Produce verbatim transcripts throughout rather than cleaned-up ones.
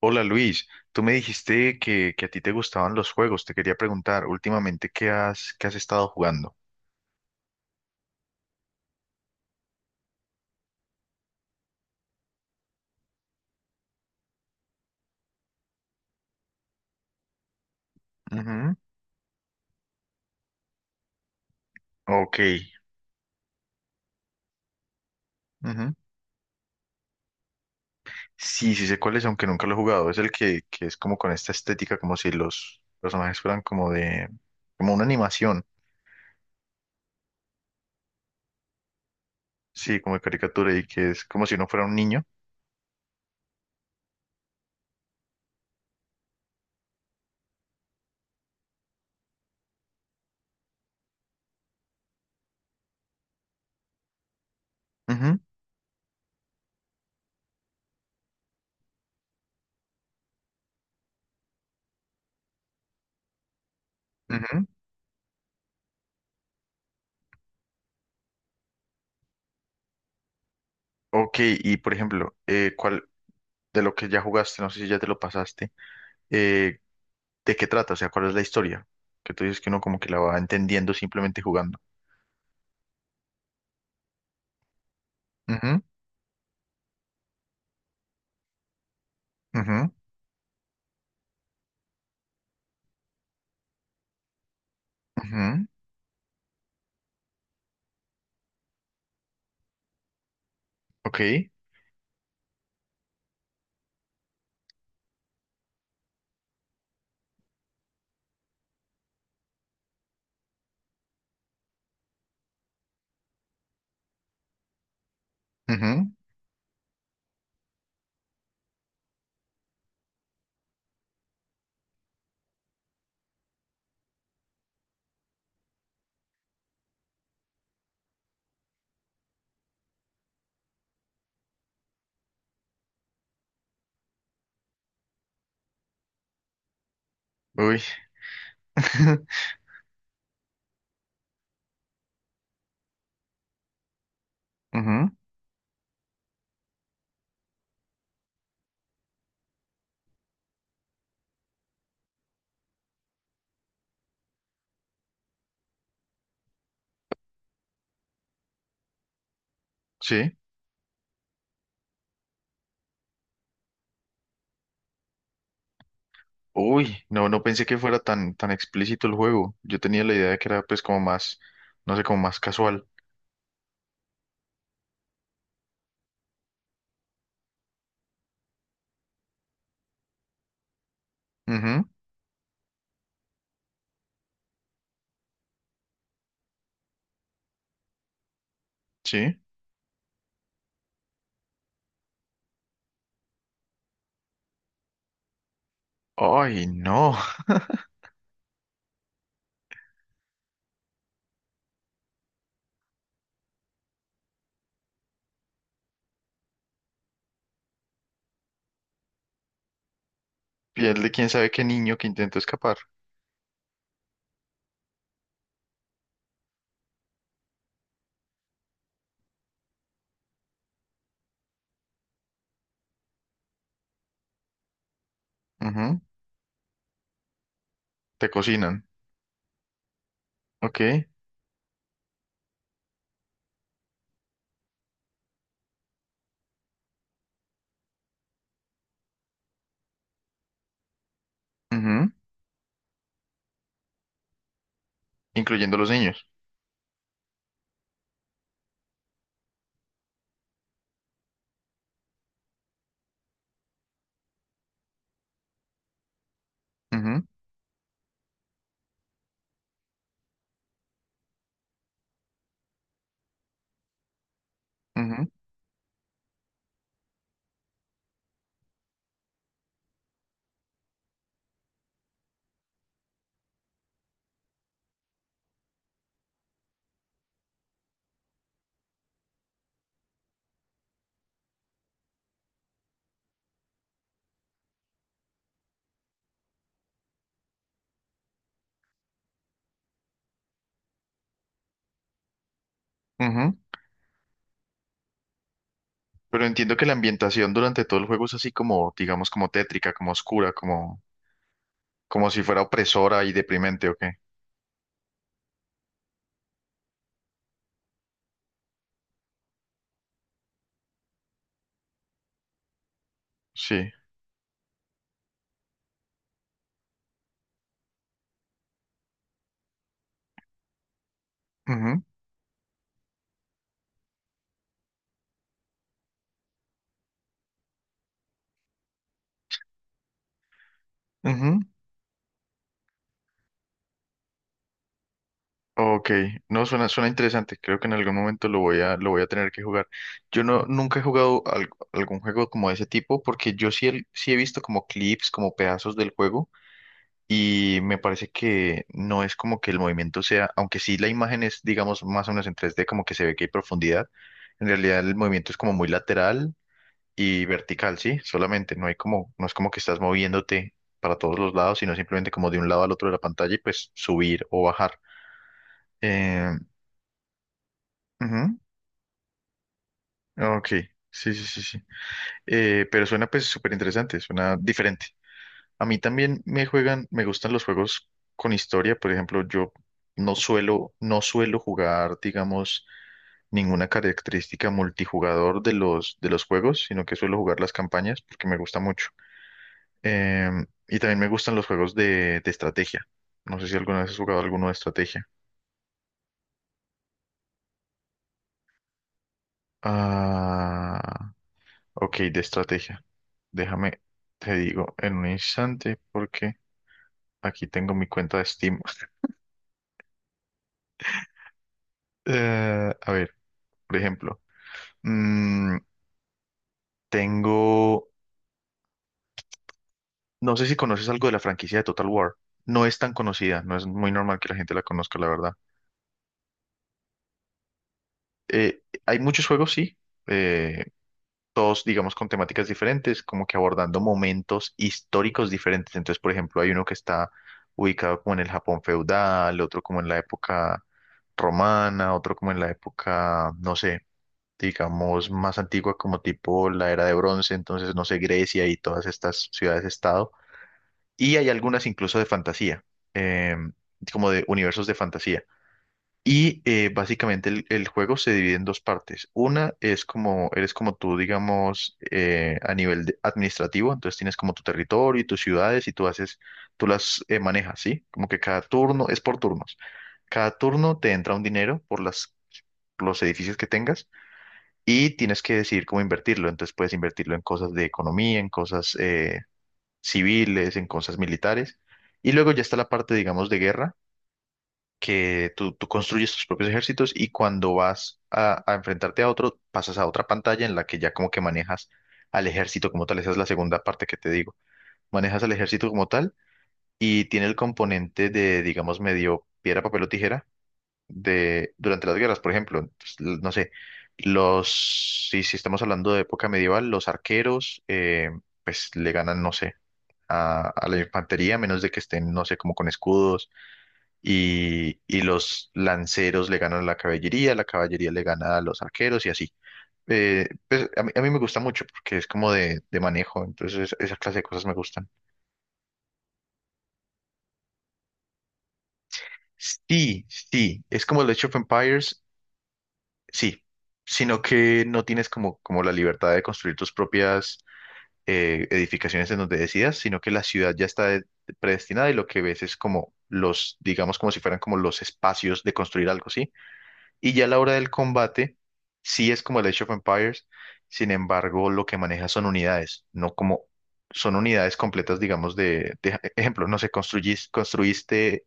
Hola Luis, tú me dijiste que, que a ti te gustaban los juegos. Te quería preguntar últimamente qué has, qué has estado jugando. Ujú. Ok. Ujú. Sí, sí sé cuál es, aunque nunca lo he jugado. Es el que, que es como con esta estética, como si los personajes fueran como de, como una animación, sí, como de caricatura y que es como si uno fuera un niño. Ujú, ujú. Ok, y por ejemplo, eh, ¿cuál de lo que ya jugaste? No sé si ya te lo pasaste. eh, ¿De qué trata? O sea, ¿cuál es la historia? Que tú dices que uno como que la va entendiendo simplemente jugando. Ujú, ujú, ujú. Ok. Ujú. Uy. Ujú. Sí. Uy, no, no pensé que fuera tan, tan explícito el juego. Yo tenía la idea de que era pues como más, no sé, como más casual. Ujú. Sí. Ay, no. Piel de quién sabe qué niño que intentó escapar. Ujú. Te cocinan. Ok. Ujú. Incluyendo los niños. Ujú, ujú, ujú. Pero entiendo que la ambientación durante todo el juego es así como, digamos, como tétrica, como oscura, como, como si fuera opresora y deprimente, ¿o qué? Sí. Ujú, ujú. Ok. No, suena, suena interesante. Creo que en algún momento lo voy a, lo voy a tener que jugar. Yo no, nunca he jugado al- algún juego como de ese tipo, porque yo sí, he- sí he visto como clips, como pedazos del juego, y me parece que no es como que el movimiento sea, aunque sí la imagen es, digamos, más o menos en tres d como que se ve que hay profundidad. En realidad el movimiento es como muy lateral y vertical, ¿sí? Solamente, no hay como, no es como que estás moviéndote para todos los lados, sino simplemente como de un lado al otro de la pantalla y pues subir o bajar. Eh, ujú. Ok, sí, sí, sí, sí. Eh, pero suena pues súper interesante, suena diferente. A mí también me juegan, me gustan los juegos con historia, por ejemplo, yo no suelo, no suelo jugar, digamos, ninguna característica multijugador de los, de los juegos, sino que suelo jugar las campañas porque me gusta mucho. Em, y también me gustan los juegos de, de estrategia. No sé si alguna vez has jugado alguno de estrategia. Ah, ok, de estrategia. Déjame, te digo en un instante porque aquí tengo mi cuenta de Steam. Eh, a ver, por ejemplo, mm, tengo, no sé si conoces algo de la franquicia de Total War. No es tan conocida, no es muy normal que la gente la conozca, la verdad. Eh, hay muchos juegos, sí. eh, Todos, digamos, con temáticas diferentes, como que abordando momentos históricos diferentes. Entonces, por ejemplo, hay uno que está ubicado como en el Japón feudal, otro como en la época romana, otro como en la época, no sé, digamos, más antigua como tipo la era de bronce, entonces, no sé, Grecia y todas estas ciudades-estado. Y hay algunas incluso de fantasía, em, como de universos de fantasía. Y eh, básicamente el, el juego se divide en dos partes. Una es como, eres como tú, digamos, eh, a nivel de- administrativo, entonces tienes como tu territorio y tus ciudades y tú haces, tú las eh, manejas, ¿sí? Como que cada turno, es por turnos. Cada turno te entra un dinero por las, los edificios que tengas y tienes que decidir cómo invertirlo. Entonces puedes invertirlo en cosas de economía, en cosas eh, civiles, en cosas militares. Y luego ya está la parte, digamos, de guerra que tú, tú construyes tus propios ejércitos y cuando vas a, a enfrentarte a otro, pasas a otra pantalla en la que ya como que manejas al ejército como tal. Esa es la segunda parte que te digo. Manejas al ejército como tal y tiene el componente de, digamos, medio piedra, papel o tijera de, durante las guerras, por ejemplo. Entonces, l- no sé, los, si, si estamos hablando de época medieval, los arqueros, eh, pues le ganan, no sé. A, a la infantería, a menos de que estén, no sé, como con escudos y, y los lanceros le ganan a la caballería, la caballería le gana a los arqueros y así. Eh, pues a mí, a mí me gusta mucho porque es como de, de manejo, entonces es- esa clase de cosas me gustan. Sí, sí, es como el Age of Empires, sí, sino que no tienes como, como la libertad de construir tus propias eh, edificaciones en donde decidas, sino que la ciudad ya está de- predestinada y lo que ves es como los, digamos, como si fueran como los espacios de construir algo, ¿sí? Y ya a la hora del combate, sí es como el Age of Empires, sin embargo, lo que maneja son unidades, no como son unidades completas, digamos, de, de- ejemplo, no sé, construyis- construiste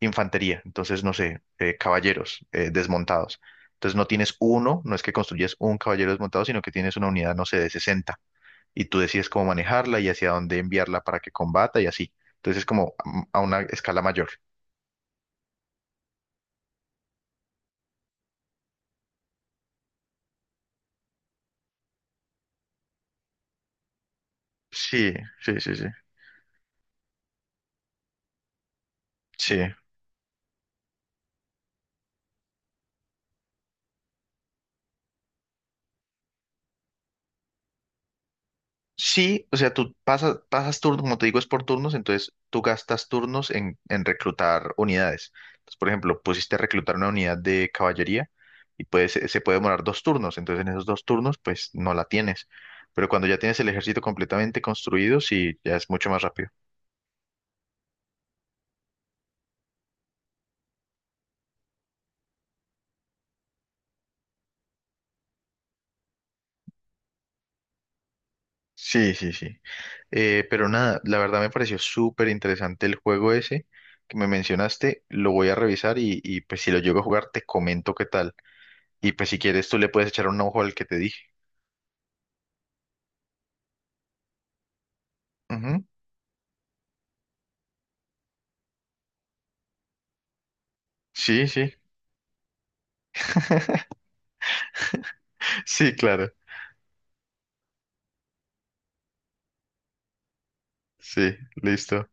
infantería, entonces, no sé, eh, caballeros eh, desmontados. Entonces no tienes uno, no es que construyes un caballero desmontado, sino que tienes una unidad, no sé, de sesenta y tú decides cómo manejarla y hacia dónde enviarla para que combata y así. Entonces es como a a una escala mayor. Sí, sí, sí, sí. Sí. Sí, o sea, tú pasas, pasas turnos, como te digo, es por turnos, entonces tú gastas turnos en, en reclutar unidades. Entonces, por ejemplo, pusiste a reclutar una unidad de caballería y pues se se puede demorar dos turnos, entonces en esos dos turnos pues no la tienes. Pero cuando ya tienes el ejército completamente construido, sí, ya es mucho más rápido. Sí, sí, sí. Eh, pero nada, la verdad me pareció súper interesante el juego ese que me mencionaste, lo voy a revisar y, y pues si lo llego a jugar te comento qué tal. Y pues si quieres tú le puedes echar un ojo al que te dije. Ujú. Sí, sí, sí, claro. Sí, listo.